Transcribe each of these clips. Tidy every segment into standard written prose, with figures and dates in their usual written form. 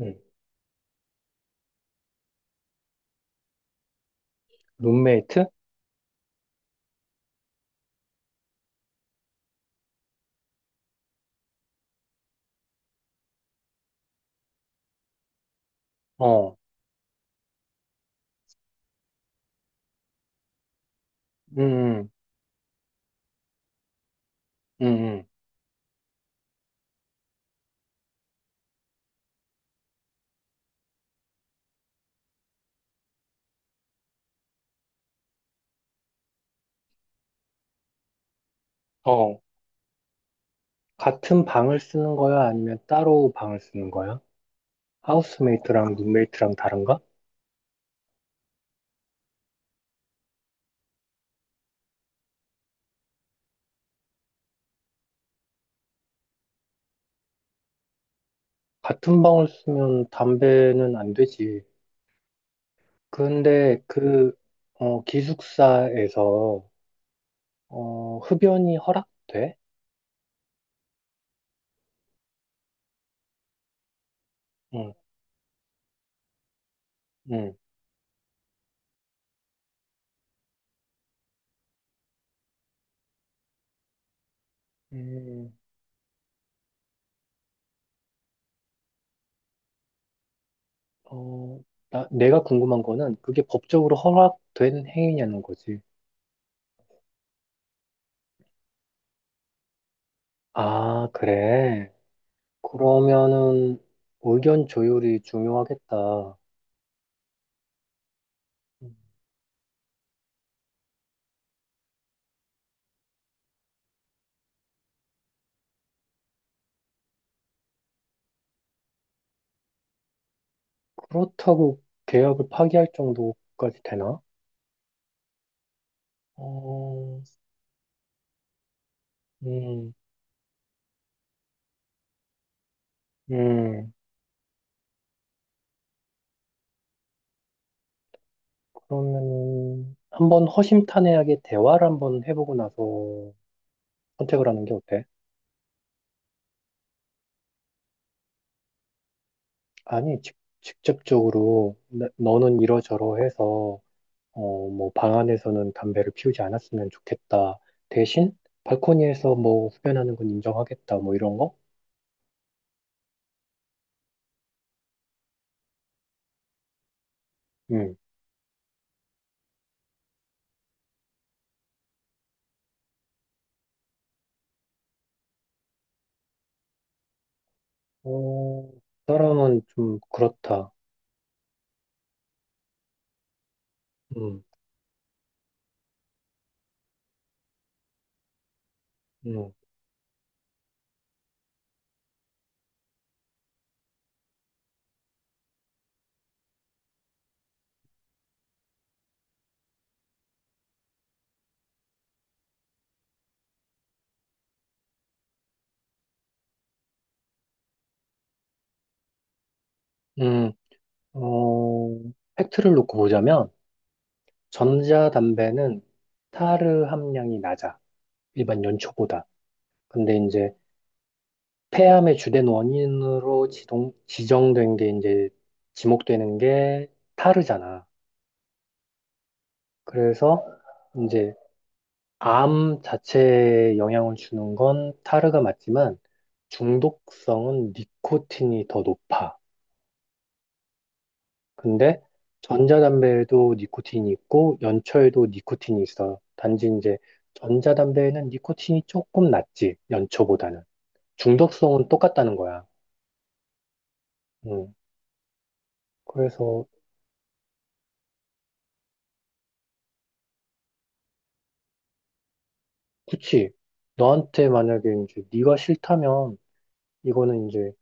음, 룸메이트? 어, 음, 음, 음, 음. 어, 같은 방을 쓰는 거야? 아니면 따로 방을 쓰는 거야? 하우스메이트랑 룸메이트랑 다른가? 같은 방을 쓰면 담배는 안 되지. 근데 기숙사에서, 흡연이 허락돼? 응, 응, 음, 어, 내가 궁금한 거는 그게 법적으로 허락된 행위냐는 거지. 아, 그래. 그러면은 의견 조율이 중요하겠다. 음, 그렇다고 계약을 파기할 정도까지 되나? 어, 음, 음, 그러면 한번 허심탄회하게 대화를 한번 해보고 나서 선택을 하는 게 어때? 아니, 직접적으로 너는 이러저러해서 뭐 방 안에서는 담배를 피우지 않았으면 좋겠다. 대신 발코니에서 뭐 흡연하는 건 인정하겠다. 뭐 이런 거? 음. 어, 사람은 좀 그렇다. 음, 음, 음, 어, 팩트를 놓고 보자면, 전자담배는 타르 함량이 낮아. 일반 연초보다. 근데 이제 폐암의 주된 원인으로 지정된 게 이제 지목되는 게 타르잖아. 그래서 이제 암 자체에 영향을 주는 건 타르가 맞지만, 중독성은 니코틴이 더 높아. 근데 전자담배에도 니코틴이 있고 연초에도 니코틴이 있어. 단지 이제 전자담배에는 니코틴이 조금 낮지, 연초보다는. 중독성은 똑같다는 거야. 음. 그래서 그치. 너한테 만약에 이제 네가 싫다면 이거는 이제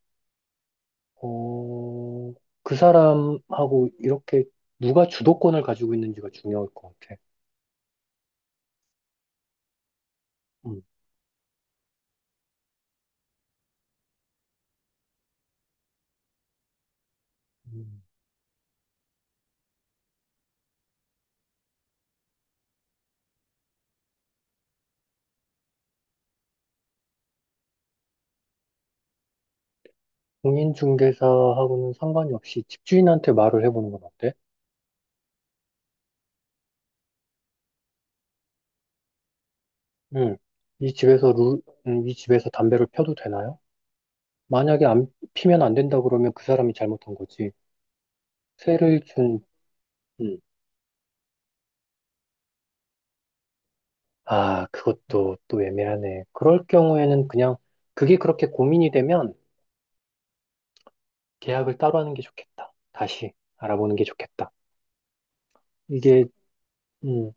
어, 그 사람하고 이렇게 누가 주도권을 가지고 있는지가 중요할 것 같아. 음. 음. 공인중개사하고는 상관이 없이 집주인한테 말을 해보는 건 어때? 음, 이 집에서 루, 이 집에서 담배를 펴도 되나요? 만약에 안 피면 안 된다 그러면 그 사람이 잘못한 거지. 세를 준, 음, 아, 그것도 또 애매하네. 그럴 경우에는 그냥 그게 그렇게 고민이 되면 계약을 따로 하는 게 좋겠다. 다시 알아보는 게 좋겠다. 이게, 음,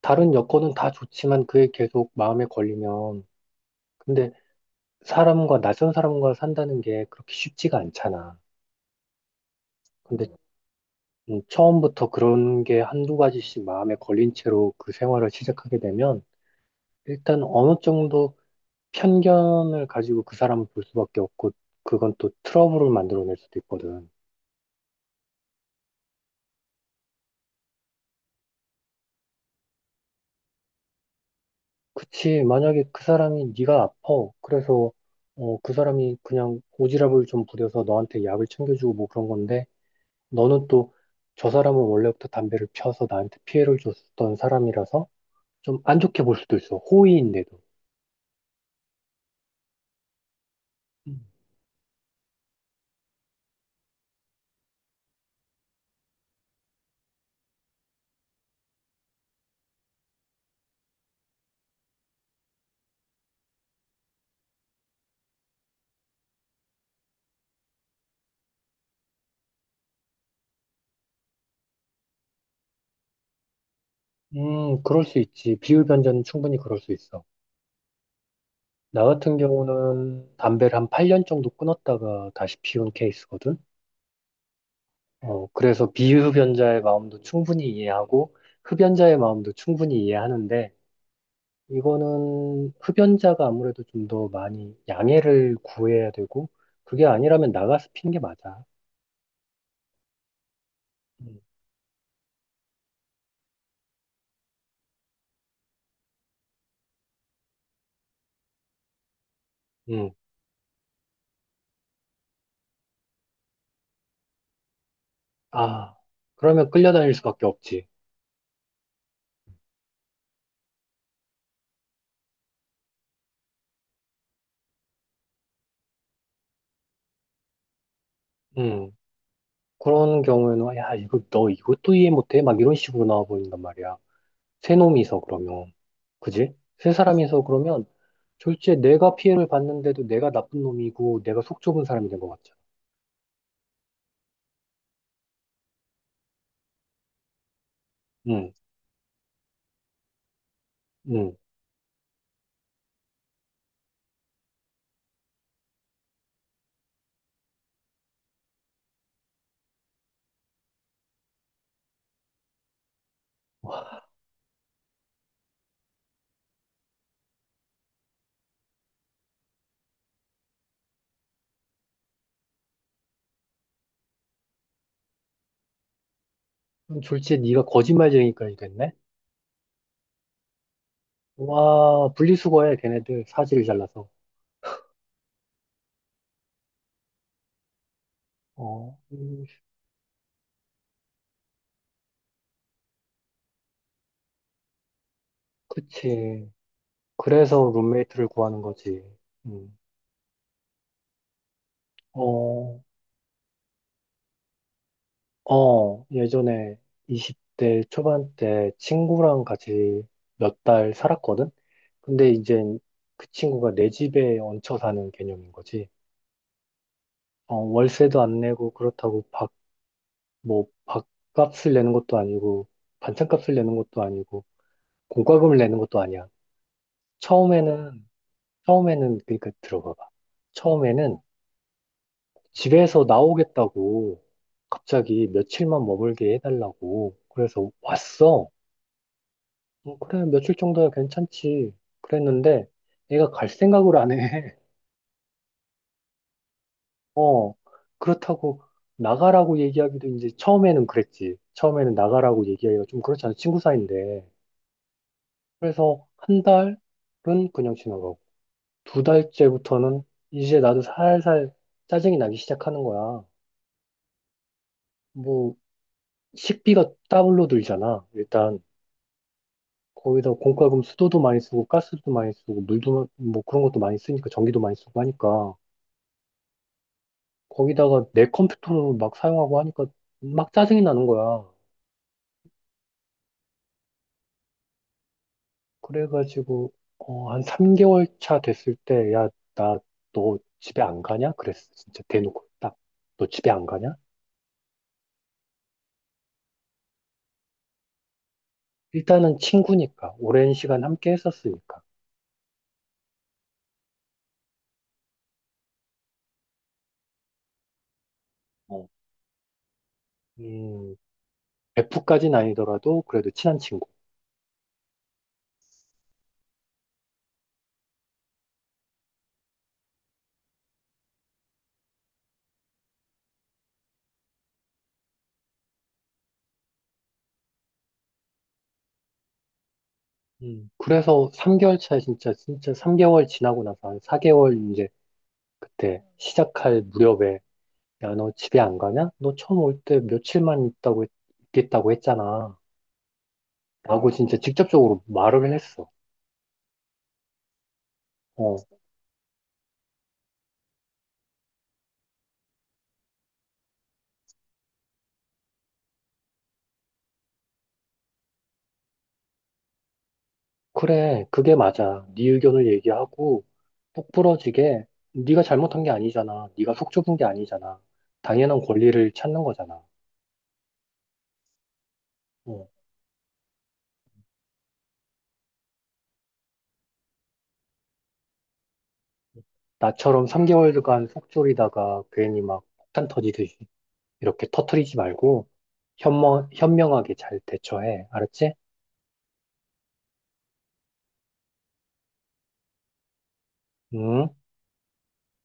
다른 여건은 다 좋지만 그게 계속 마음에 걸리면, 근데 낯선 사람과 산다는 게 그렇게 쉽지가 않잖아. 근데 처음부터 그런 게 한두 가지씩 마음에 걸린 채로 그 생활을 시작하게 되면 일단 어느 정도 편견을 가지고 그 사람을 볼 수밖에 없고 그건 또 트러블을 만들어낼 수도 있거든. 그치, 만약에 그 사람이 네가 아파. 그래서 그 사람이 그냥 오지랖을 좀 부려서 너한테 약을 챙겨주고 뭐 그런 건데 너는 또 저 사람은 원래부터 담배를 피워서 나한테 피해를 줬던 사람이라서 좀 안 좋게 볼 수도 있어. 호의인데도. 그럴 수 있지. 비율 변제는 충분히 그럴 수 있어. 나 같은 경우는 담배를 한 8년 정도 끊었다가 다시 피운 케이스거든. 그래서 비흡연자의 마음도 충분히 이해하고 흡연자의 마음도 충분히 이해하는데 이거는 흡연자가 아무래도 좀 더 많이 양해를 구해야 되고 그게 아니라면 나가서 피는 게 맞아. 음, 음. 아, 그러면 끌려다닐 수밖에 없지. 음, 그런 경우에는 야, 이거 너 이것도 이해 못해? 막 이런 식으로 나와 버린단 말이야. 세 놈이서 그러면. 그지? 세 사람이서 그러면 졸지에 내가 피해를 봤는데도 내가 나쁜 놈이고 내가 속 좁은 사람이 된 것 같잖아. 응, 응. 그럼 졸지에 네가 거짓말쟁이까지 됐네? 와, 분리수거해, 걔네들. 사지를 잘라서. 어, 그치. 그래서 룸메이트를 구하는 거지. 음. 어, 예전에 20대 초반 때 친구랑 같이 몇 달 살았거든? 근데 이제 그 친구가 내 집에 얹혀 사는 개념인 거지. 월세도 안 내고 그렇다고 밥값을 내는 것도 아니고 반찬값을 내는 것도 아니고 공과금을 내는 것도 아니야. 처음에는, 처음에는, 그러니까 들어봐봐. 처음에는 집에서 나오겠다고 갑자기 며칠만 머물게 해달라고 그래서 왔어. 그래, 며칠 정도야 괜찮지. 그랬는데 애가 갈 생각을 안 해. 어, 그렇다고 나가라고 얘기하기도 이제 처음에는 그랬지. 처음에는 나가라고 얘기하기가 좀 그렇잖아. 친구 사이인데. 그래서 한 달은 그냥 지나가고, 두 달째부터는 이제 나도 살살 짜증이 나기 시작하는 거야. 뭐, 식비가 따블로 들잖아. 일단, 거기다 공과금 수도도 많이 쓰고, 가스도 많이 쓰고, 물도, 뭐 그런 것도 많이 쓰니까, 전기도 많이 쓰고 하니까. 거기다가 내 컴퓨터를 막 사용하고 하니까 막 짜증이 나는 거야. 그래가지고, 한 3개월 차 됐을 때, 야, 나, 너 집에 안 가냐? 그랬어. 진짜 대놓고 딱. 너 집에 안 가냐? 일단은 친구니까, 오랜 시간 함께 했었으니까. 어, 음, 베프까 아니더라도 그래도 친한 친구. 그래서 3개월 차에 진짜, 진짜 3개월 지나고 나서 한 4개월 이제 그때 시작할 무렵에, 야, 너 집에 안 가냐? 너 처음 올 때 며칠만 있다고, 있겠다고 했잖아. 라고 진짜 직접적으로 말을 했어. 어 그래, 그게 맞아. 네 의견을 얘기하고 똑부러지게 네가 잘못한 게 아니잖아. 네가 속 좁은 게 아니잖아. 당연한 권리를 찾는 거잖아. 어, 나처럼 3개월간 속 졸이다가 괜히 막 폭탄 터지듯이 이렇게 터트리지 말고 현명하게 잘 대처해. 알았지? 응?